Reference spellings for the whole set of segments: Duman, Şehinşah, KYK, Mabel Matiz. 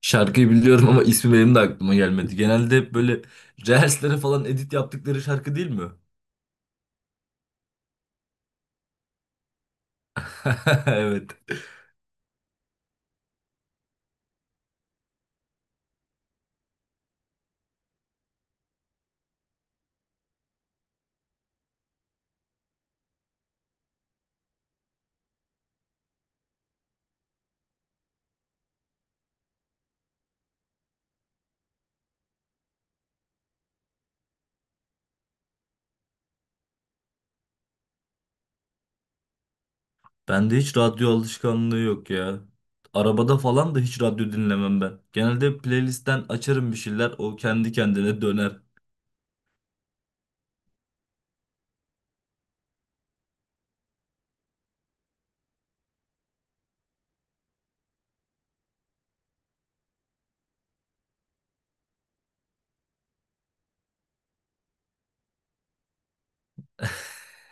Şarkıyı biliyorum ama ismi benim de aklıma gelmedi. Genelde hep böyle reelslere falan edit yaptıkları şarkı değil mi? Evet. Bende hiç radyo alışkanlığı yok ya. Arabada falan da hiç radyo dinlemem ben. Genelde playlistten açarım bir şeyler, o kendi kendine döner.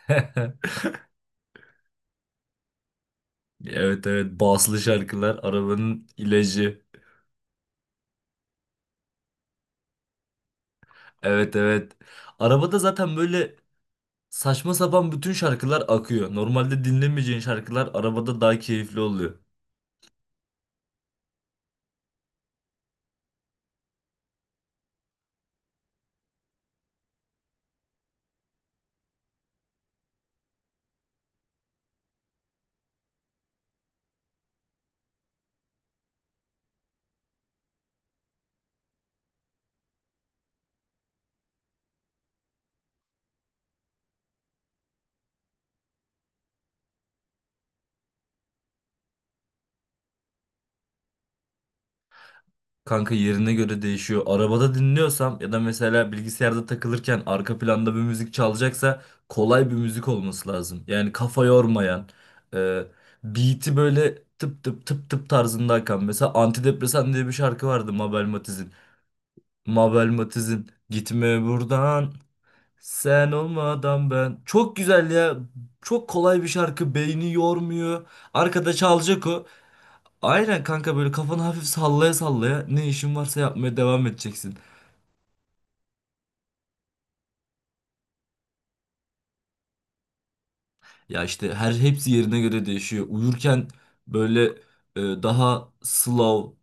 Evet evet baslı şarkılar arabanın ilacı. Evet evet. Arabada zaten böyle saçma sapan bütün şarkılar akıyor. Normalde dinlemeyeceğin şarkılar arabada daha keyifli oluyor. Kanka yerine göre değişiyor. Arabada dinliyorsam ya da mesela bilgisayarda takılırken arka planda bir müzik çalacaksa kolay bir müzik olması lazım. Yani kafa yormayan, e, beat'i böyle tıp tıp tıp tıp tarzında akan. Mesela Antidepresan diye bir şarkı vardı Mabel Matiz'in. Mabel Matiz'in Gitme buradan sen olmadan ben. Çok güzel ya. Çok kolay bir şarkı. Beyni yormuyor. Arkada çalacak o. Aynen kanka böyle kafanı hafif sallaya sallaya ne işin varsa yapmaya devam edeceksin. Ya işte her hepsi yerine göre değişiyor. Uyurken böyle daha slow,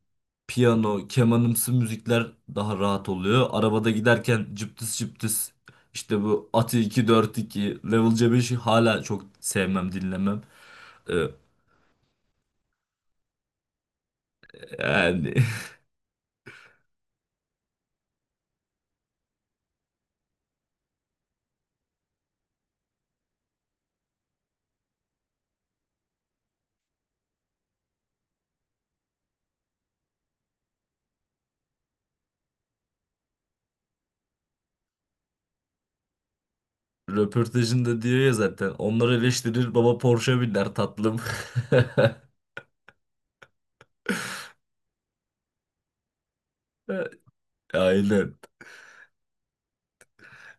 piyano, kemanımsı müzikler daha rahat oluyor. Arabada giderken cıptıs cıptıs işte bu Ati 242 Level C5'i hala çok sevmem dinlemem. E, yani. Röportajında diyor ya zaten. Onları eleştirir baba Porsche biner tatlım. Aynen.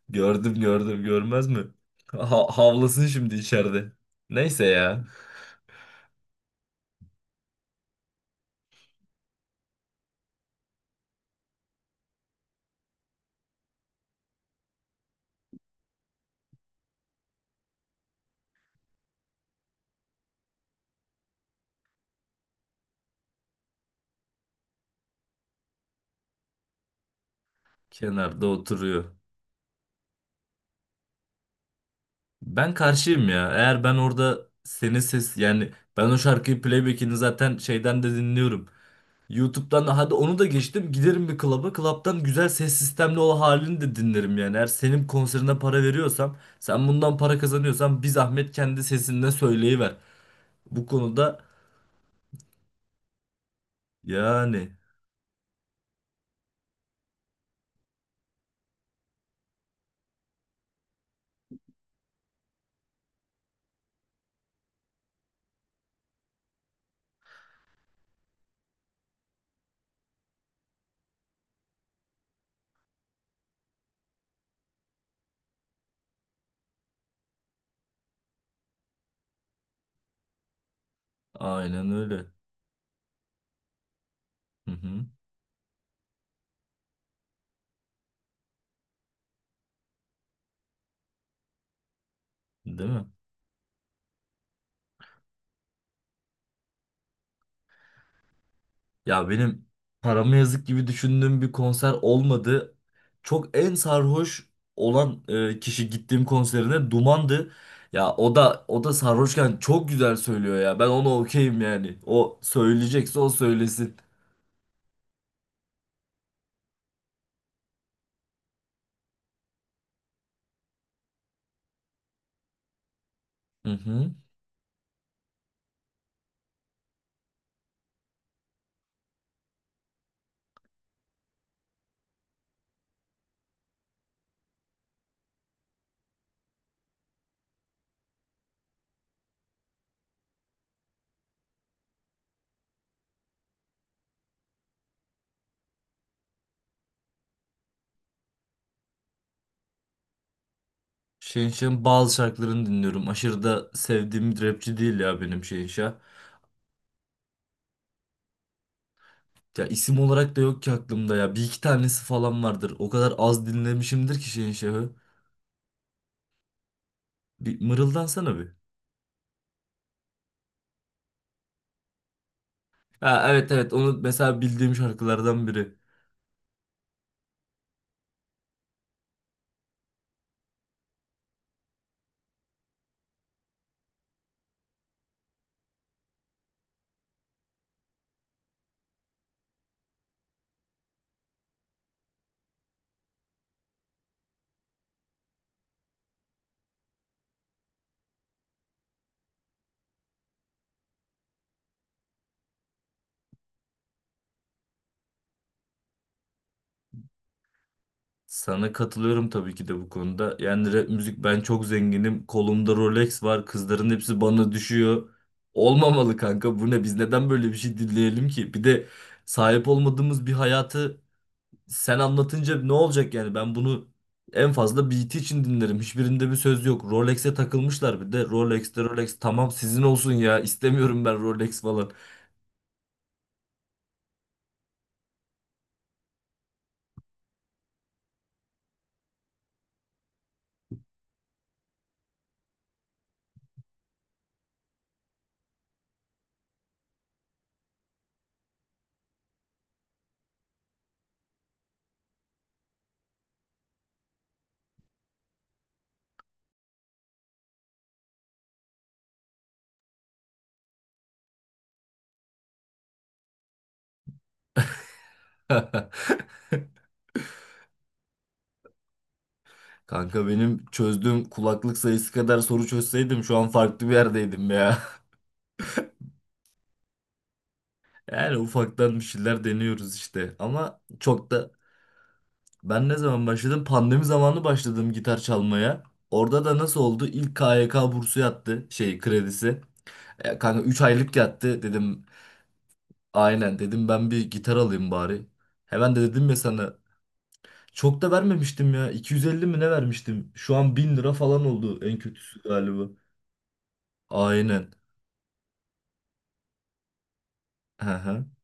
Gördüm gördüm görmez mi? Ha havlasın şimdi içeride. Neyse ya. Kenarda oturuyor. Ben karşıyım ya. Eğer ben orada senin ses yani ben o şarkıyı playback'ini zaten şeyden de dinliyorum. YouTube'dan da hadi onu da geçtim. Giderim bir klaba. Klaptan güzel ses sistemli o halini de dinlerim yani. Eğer senin konserine para veriyorsam, sen bundan para kazanıyorsan bir zahmet kendi sesinle söyleyiver. Bu konuda yani aynen öyle. Hı hı. Değil mi? Ya benim paramı yazık gibi düşündüğüm bir konser olmadı. Çok en sarhoş olan kişi gittiğim konserine Duman'dı. Ya o da sarhoşken çok güzel söylüyor ya. Ben ona okeyim yani. O söyleyecekse o söylesin. Hı hı. Şehinşah'ın bazı şarkılarını dinliyorum. Aşırı da sevdiğim bir rapçi değil ya benim Şehinşah. Ya isim olarak da yok ki aklımda ya. Bir iki tanesi falan vardır. O kadar az dinlemişimdir ki Şehinşah'ı. Bir mırıldansana bir. Ha, evet evet onu mesela bildiğim şarkılardan biri. Sana katılıyorum tabii ki de bu konuda. Yani rap müzik ben çok zenginim. Kolumda Rolex var. Kızların hepsi bana düşüyor. Olmamalı kanka. Bu ne? Biz neden böyle bir şey dinleyelim ki? Bir de sahip olmadığımız bir hayatı sen anlatınca ne olacak yani? Ben bunu en fazla beat için dinlerim. Hiçbirinde bir söz yok. Rolex'e takılmışlar bir de. Rolex'te Rolex tamam sizin olsun ya. İstemiyorum ben Rolex falan. Kanka benim çözdüğüm kulaklık sayısı kadar soru çözseydim şu an farklı bir yerdeydim ya. Yani ufaktan bir şeyler deniyoruz işte. Ama çok da ben ne zaman başladım? Pandemi zamanı başladım gitar çalmaya. Orada da nasıl oldu? İlk KYK bursu yattı şey kredisi. Kanka 3 aylık yattı dedim. Aynen dedim ben bir gitar alayım bari. Hemen de dedim ya sana çok da vermemiştim ya. 250 mi ne vermiştim? Şu an 1.000 lira falan oldu en kötüsü galiba. Aynen.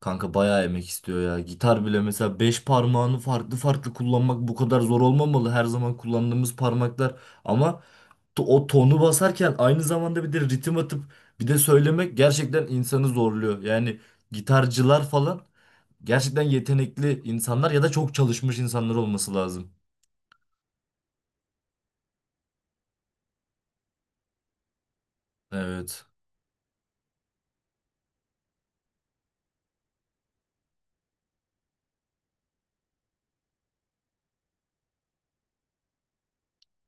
Kanka bayağı emek istiyor ya. Gitar bile mesela 5 parmağını farklı farklı kullanmak bu kadar zor olmamalı. Her zaman kullandığımız parmaklar ama o tonu basarken aynı zamanda bir de ritim atıp bir de söylemek gerçekten insanı zorluyor. Yani gitarcılar falan gerçekten yetenekli insanlar ya da çok çalışmış insanlar olması lazım. Evet.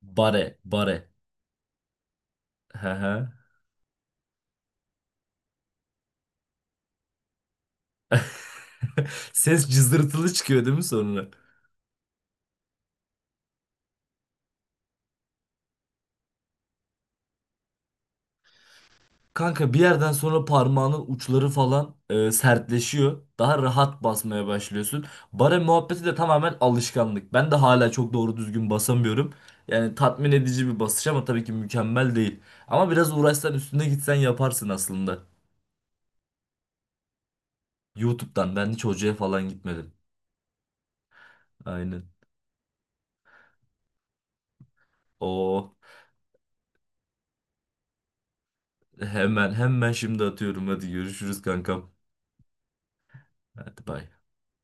Bare, bare. Hı hı. Ses cızırtılı çıkıyor değil mi sonra? Kanka bir yerden sonra parmağının uçları falan sertleşiyor. Daha rahat basmaya başlıyorsun. Bara muhabbeti de tamamen alışkanlık. Ben de hala çok doğru düzgün basamıyorum. Yani tatmin edici bir basış ama tabii ki mükemmel değil. Ama biraz uğraşsan üstüne gitsen yaparsın aslında. YouTube'dan ben hiç hocaya falan gitmedim. Aynen. O, hemen hemen şimdi atıyorum. Hadi görüşürüz kankam. Hadi bay.